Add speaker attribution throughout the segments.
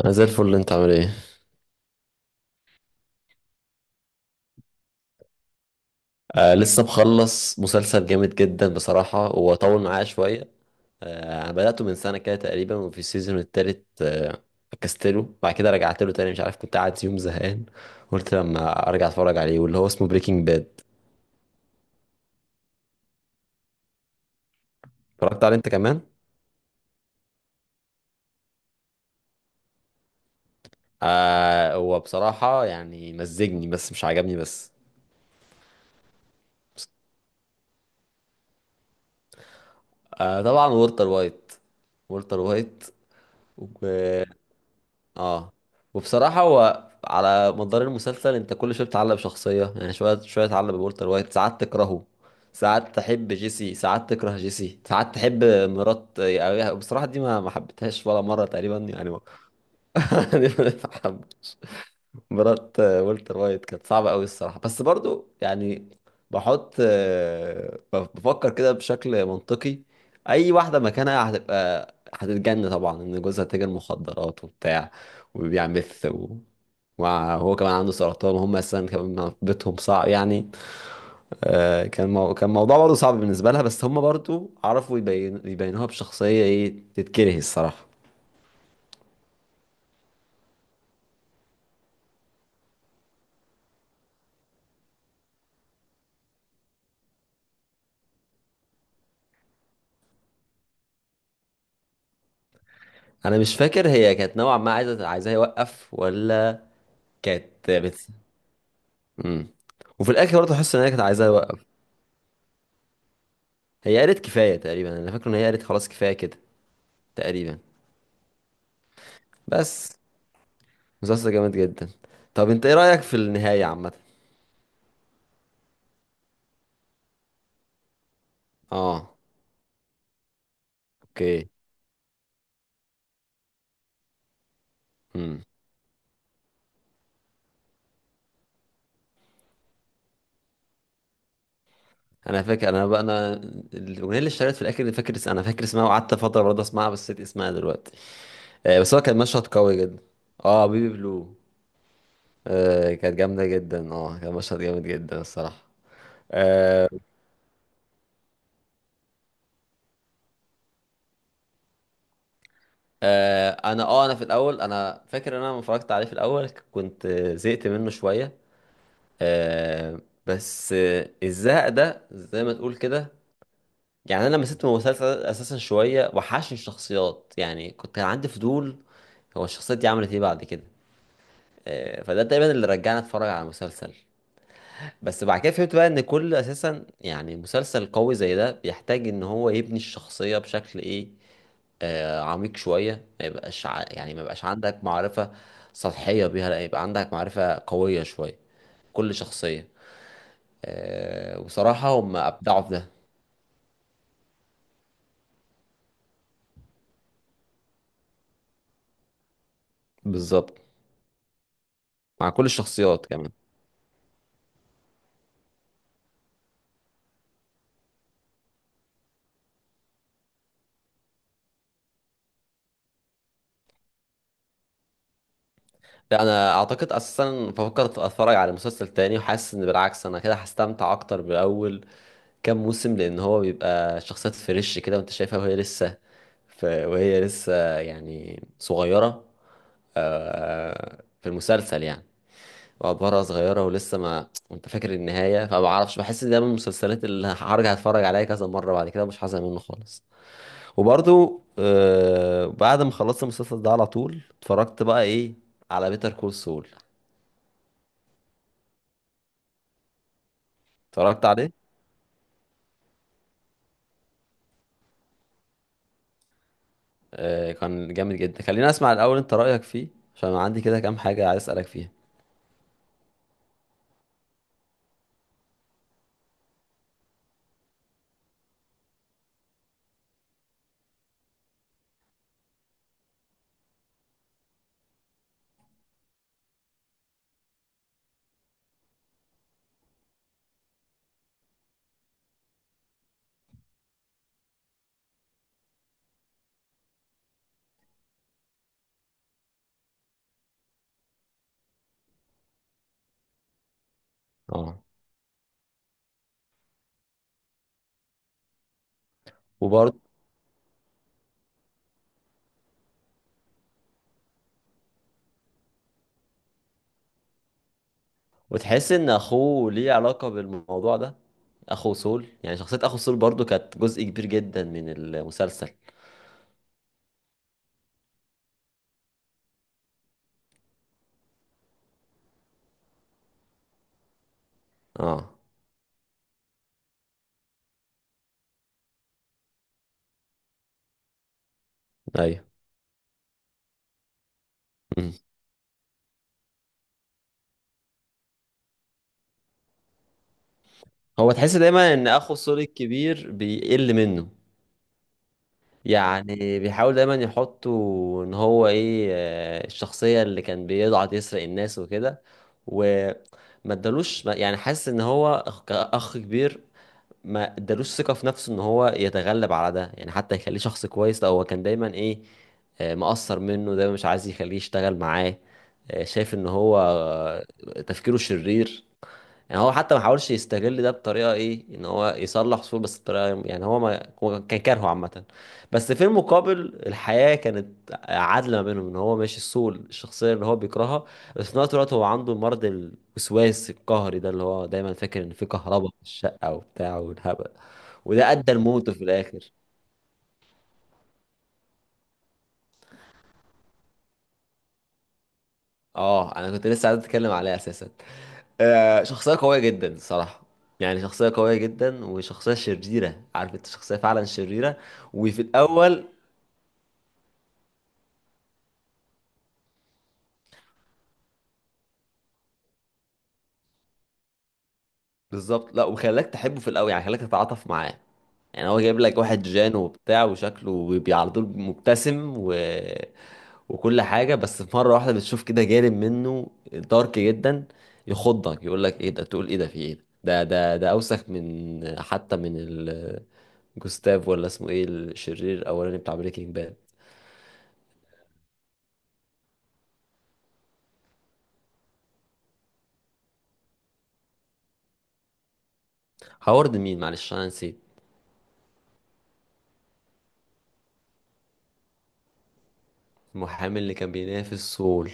Speaker 1: انا زي الفل، انت عامل ايه؟ آه، لسه مخلص مسلسل جامد جدا بصراحه، هو طول معايا شويه. آه، انا بداته من سنه كده تقريبا وفي السيزون التالت كستله، بعد كده رجعت له تاني مش عارف، كنت قاعد يوم زهقان قلت لما ارجع اتفرج عليه، واللي هو اسمه بريكنج باد. اتفرجت عليه انت كمان؟ آه، هو بصراحه يعني مزجني، بس مش عجبني بس. آه طبعا، والتر وايت. والتر وايت. اه، وبصراحة هو على مدار المسلسل انت كل شوية بتتعلق بشخصية، يعني شوية شوية تتعلق بولتر وايت، ساعات تكرهه، ساعات تحب جيسي، ساعات تكره جيسي، ساعات تحب مرات، يعني بصراحة دي ما حبيتهاش ولا مرة تقريبا، يعني يعني ما حبيتهاش. مباراة والتر وايت كانت صعبة قوي الصراحة، بس برضو يعني بحط بفكر كده بشكل منطقي. أي واحدة مكانها هتبقى هتتجن طبعا، إن جوزها تاجر مخدرات وبتاع وبيعمل ميث، و... وهو كمان عنده سرطان، وهم أساسا كمان بيتهم صعب يعني. كان الموضوع برضه صعب بالنسبة لها، بس هم برضه عرفوا يبينوها بشخصية إيه تتكره الصراحة. أنا مش فاكر، هي كانت نوعا ما عايزاه يوقف ولا كانت بت... امم وفي الاخر برضه حاسس ان هي كانت عايزه اوقف. هي قالت كفايه تقريبا، انا فاكر ان هي قالت خلاص كفايه كده، تقريبا. بس مسلسل جامد جدا. طب انت ايه رايك في النهايه عامه؟ اه. اوكي. امم انا فاكر انا بقى انا الاغنيه اللي اشتغلت في الاخر اللي فاكر انا فاكر اسمها، وقعدت فتره برضه اسمعها، بس نسيت اسمها دلوقتي. بس هو كان مشهد قوي جدا. اه، بيبي بلو. آه كانت جامده جدا. اه كان مشهد جامد جدا الصراحه. آه، انا في الاول انا فاكر ان انا لما اتفرجت عليه في الاول كنت زهقت منه شويه، آه، بس الزهق ده زي ما تقول كده، يعني انا مسكت من المسلسل اساسا شويه، وحشني الشخصيات، يعني كنت عندي فضول هو الشخصيات دي عملت ايه بعد كده. فده تقريبا اللي رجعني اتفرج على المسلسل. بس بعد كده فهمت بقى ان كل اساسا، يعني مسلسل قوي زي ده بيحتاج ان هو يبني الشخصيه بشكل ايه، عميق شوية. ما يبقاش ع- يعني ما يبقاش عندك معرفة سطحية بيها، لا يبقى عندك معرفة قوية شوية كل شخصية، وصراحة هم أبدعوا في ده. بالظبط، مع كل الشخصيات كمان. لا، أنا أعتقد أساسا بفكر أتفرج على مسلسل تاني وحاسس إن بالعكس أنا كده هستمتع أكتر بأول كام موسم، لأن هو بيبقى شخصيات فريش كده وأنت شايفها وهي لسه وهي لسه يعني صغيرة، في المسلسل يعني. وعبارة صغيرة ولسه، ما انت فاكر النهاية، فما بعرفش، بحس ان ده من المسلسلات اللي هرجع اتفرج عليها كذا مرة بعد كده، مش حاسس منه خالص. وبرضو بعد ما خلصت المسلسل ده على طول اتفرجت بقى ايه، على بيتر كول سول. اتفرجت عليه؟ آه كان جامد جدا، خليني اسمع الاول انت رأيك فيه، عشان أنا عندي كده كام حاجة عايز اسألك فيها. اه. وبرضو، وتحس ان اخوه ليه علاقة بالموضوع ده. اخو سول، يعني شخصية اخو سول برضو كانت جزء كبير جدا من المسلسل. اه. ايوه. مم. هو تحس دايما ان اخو السوري الكبير بيقل منه، يعني بيحاول دايما يحطه، ان هو ايه الشخصية اللي كان بيضعت يسرق الناس وكده. وما ادالوش ما- يعني حاسس ان هو كأخ كبير ما ادالوش ثقة في نفسه ان هو يتغلب على ده، يعني حتى يخليه شخص كويس، لا هو كان دايما ايه مقصر منه دايما، مش عايز يخليه يشتغل معاه. شايف ان هو تفكيره شرير. يعني هو حتى ما حاولش يستغل ده بطريقه ايه ان هو يصلح قصور، بس بطريقه يعني هو ما هو كان كارهه عامه. بس في المقابل الحياه كانت عادله ما بينهم ان هو ماشي السوق الشخصيه اللي هو بيكرهها. بس في نفس الوقت هو عنده مرض الوسواس القهري ده، اللي هو دايما فاكر ان في كهرباء في الشقه وبتاع والهبل. وده ادى لموته في الاخر. اه، انا كنت لسه عايز اتكلم عليها اساسا. آه شخصيه قويه جدا الصراحه، يعني شخصيه قويه جدا وشخصيه شريره، عارف انت شخصيه فعلا شريره. وفي الاول بالظبط، لا وخلاك تحبه في الاول، يعني خلاك تتعاطف معاه. يعني هو جايب لك واحد جان وبتاع وشكله على طول مبتسم وكل حاجة، بس في مرة واحدة بتشوف كده جانب منه دارك جدا، يخضك، يقول لك ايه ده، تقول ايه ده، في ايه ده, اوسخ من حتى من جوستاف، ولا اسمه ايه الشرير الاولاني بتاع بريكنج باد؟ هاورد مين؟ معلش انا نسيت. المحامي اللي كان بينافس سول؟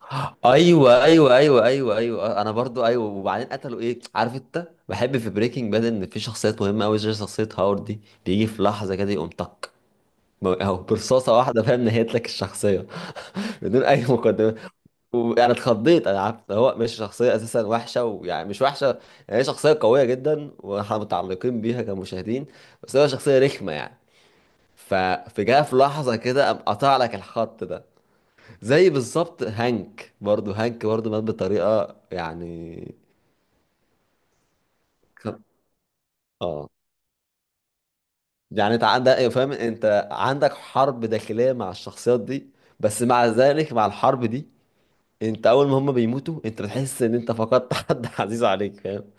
Speaker 1: ايوه، ايوه، ايوه، ايوه، ايوه، انا برضو ايوه. وبعدين قتلوا، ايه عارف انت بحب في بريكنج باد ان في شخصيات مهمه قوي زي شخصيه هاورد دي، بيجي في لحظه كده يقوم طق. أهو برصاصة واحدة، فاهم، نهيت لك الشخصية بدون أي مقدمة. ويعني اتخضيت، أنا عارف إن هو مش شخصية أساسا وحشة، ويعني مش وحشة، يعني هي شخصية قوية جدا وإحنا متعلقين بيها كمشاهدين، بس هو شخصية رخمة يعني. جاء في لحظة كده قام قطع لك الخط ده. زي بالظبط هانك، برضو مات بطريقة يعني. اه. يعني انت عندك، أيوة، فاهم، انت عندك حرب داخلية مع الشخصيات دي، بس مع ذلك مع الحرب دي، انت اول ما هم بيموتوا انت بتحس ان انت فقدت حد عزيز عليك، فاهم.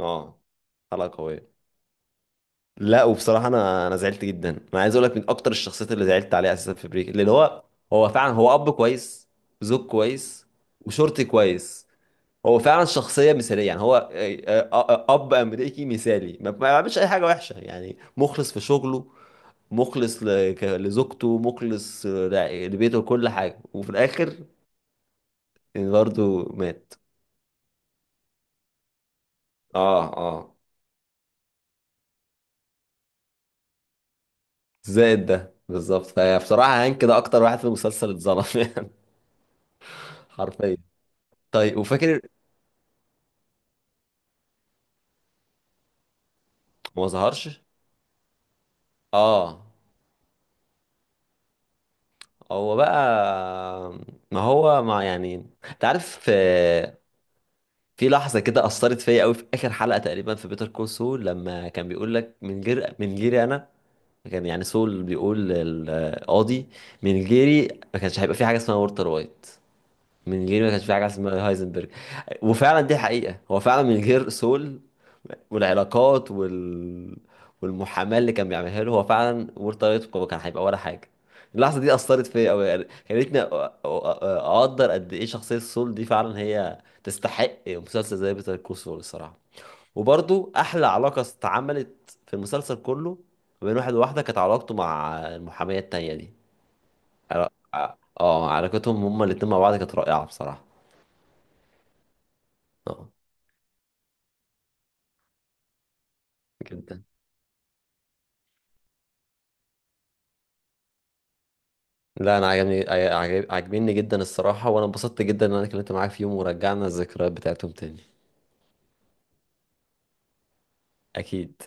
Speaker 1: اه، حلقة قوية. لا وبصراحة انا زعلت جدا، انا عايز اقول لك من اكتر الشخصيات اللي زعلت عليها اساسا في بريك، لان هو فعلا هو اب كويس، زوج كويس، وشرطي كويس. هو فعلا شخصية مثالية، يعني هو اب امريكي مثالي ما بيعملش اي حاجة وحشة، يعني مخلص في شغله، مخلص لزوجته، مخلص لبيته كل حاجة، وفي الاخر برضه مات. اه. اه. زائد ده بالظبط، فبصراحة هانك ده أكتر واحد في المسلسل اتظلم يعني حرفيا. طيب، وفاكر. ما ظهرش؟ آه هو بقى، ما هو، ما يعني، أنت عارف، في لحظة كده أثرت فيا قوي في آخر حلقة تقريبا في بيتر كول سول، لما كان بيقول لك من غير من غيري أنا، كان يعني سول بيقول للقاضي، من غيري ما كانش هيبقى في حاجة اسمها ورتر وايت، من غيري ما كانش في حاجة اسمها هايزنبرج. وفعلا دي حقيقة، هو فعلا من غير سول والعلاقات والمحاماة اللي كان بيعملها له، هو فعلا وورد تايت كان هيبقى ولا حاجة. اللحظة دي أثرت فيا أوي، يعني خلتني أقدر قد إيه شخصية سول دي، فعلا هي تستحق مسلسل زي بيتر كول سول الصراحة. وبرضو أحلى علاقة اتعملت في المسلسل كله بين واحد وواحدة، كانت علاقته مع المحامية التانية دي. اه، علاقتهم هما الاتنين مع بعض كانت رائعة بصراحة. اه. جدا. لا، انا عاجبني جدا الصراحه، وانا انبسطت جدا ان انا اتكلمت معاك في يوم ورجعنا الذكريات بتاعتهم تاني. اكيد.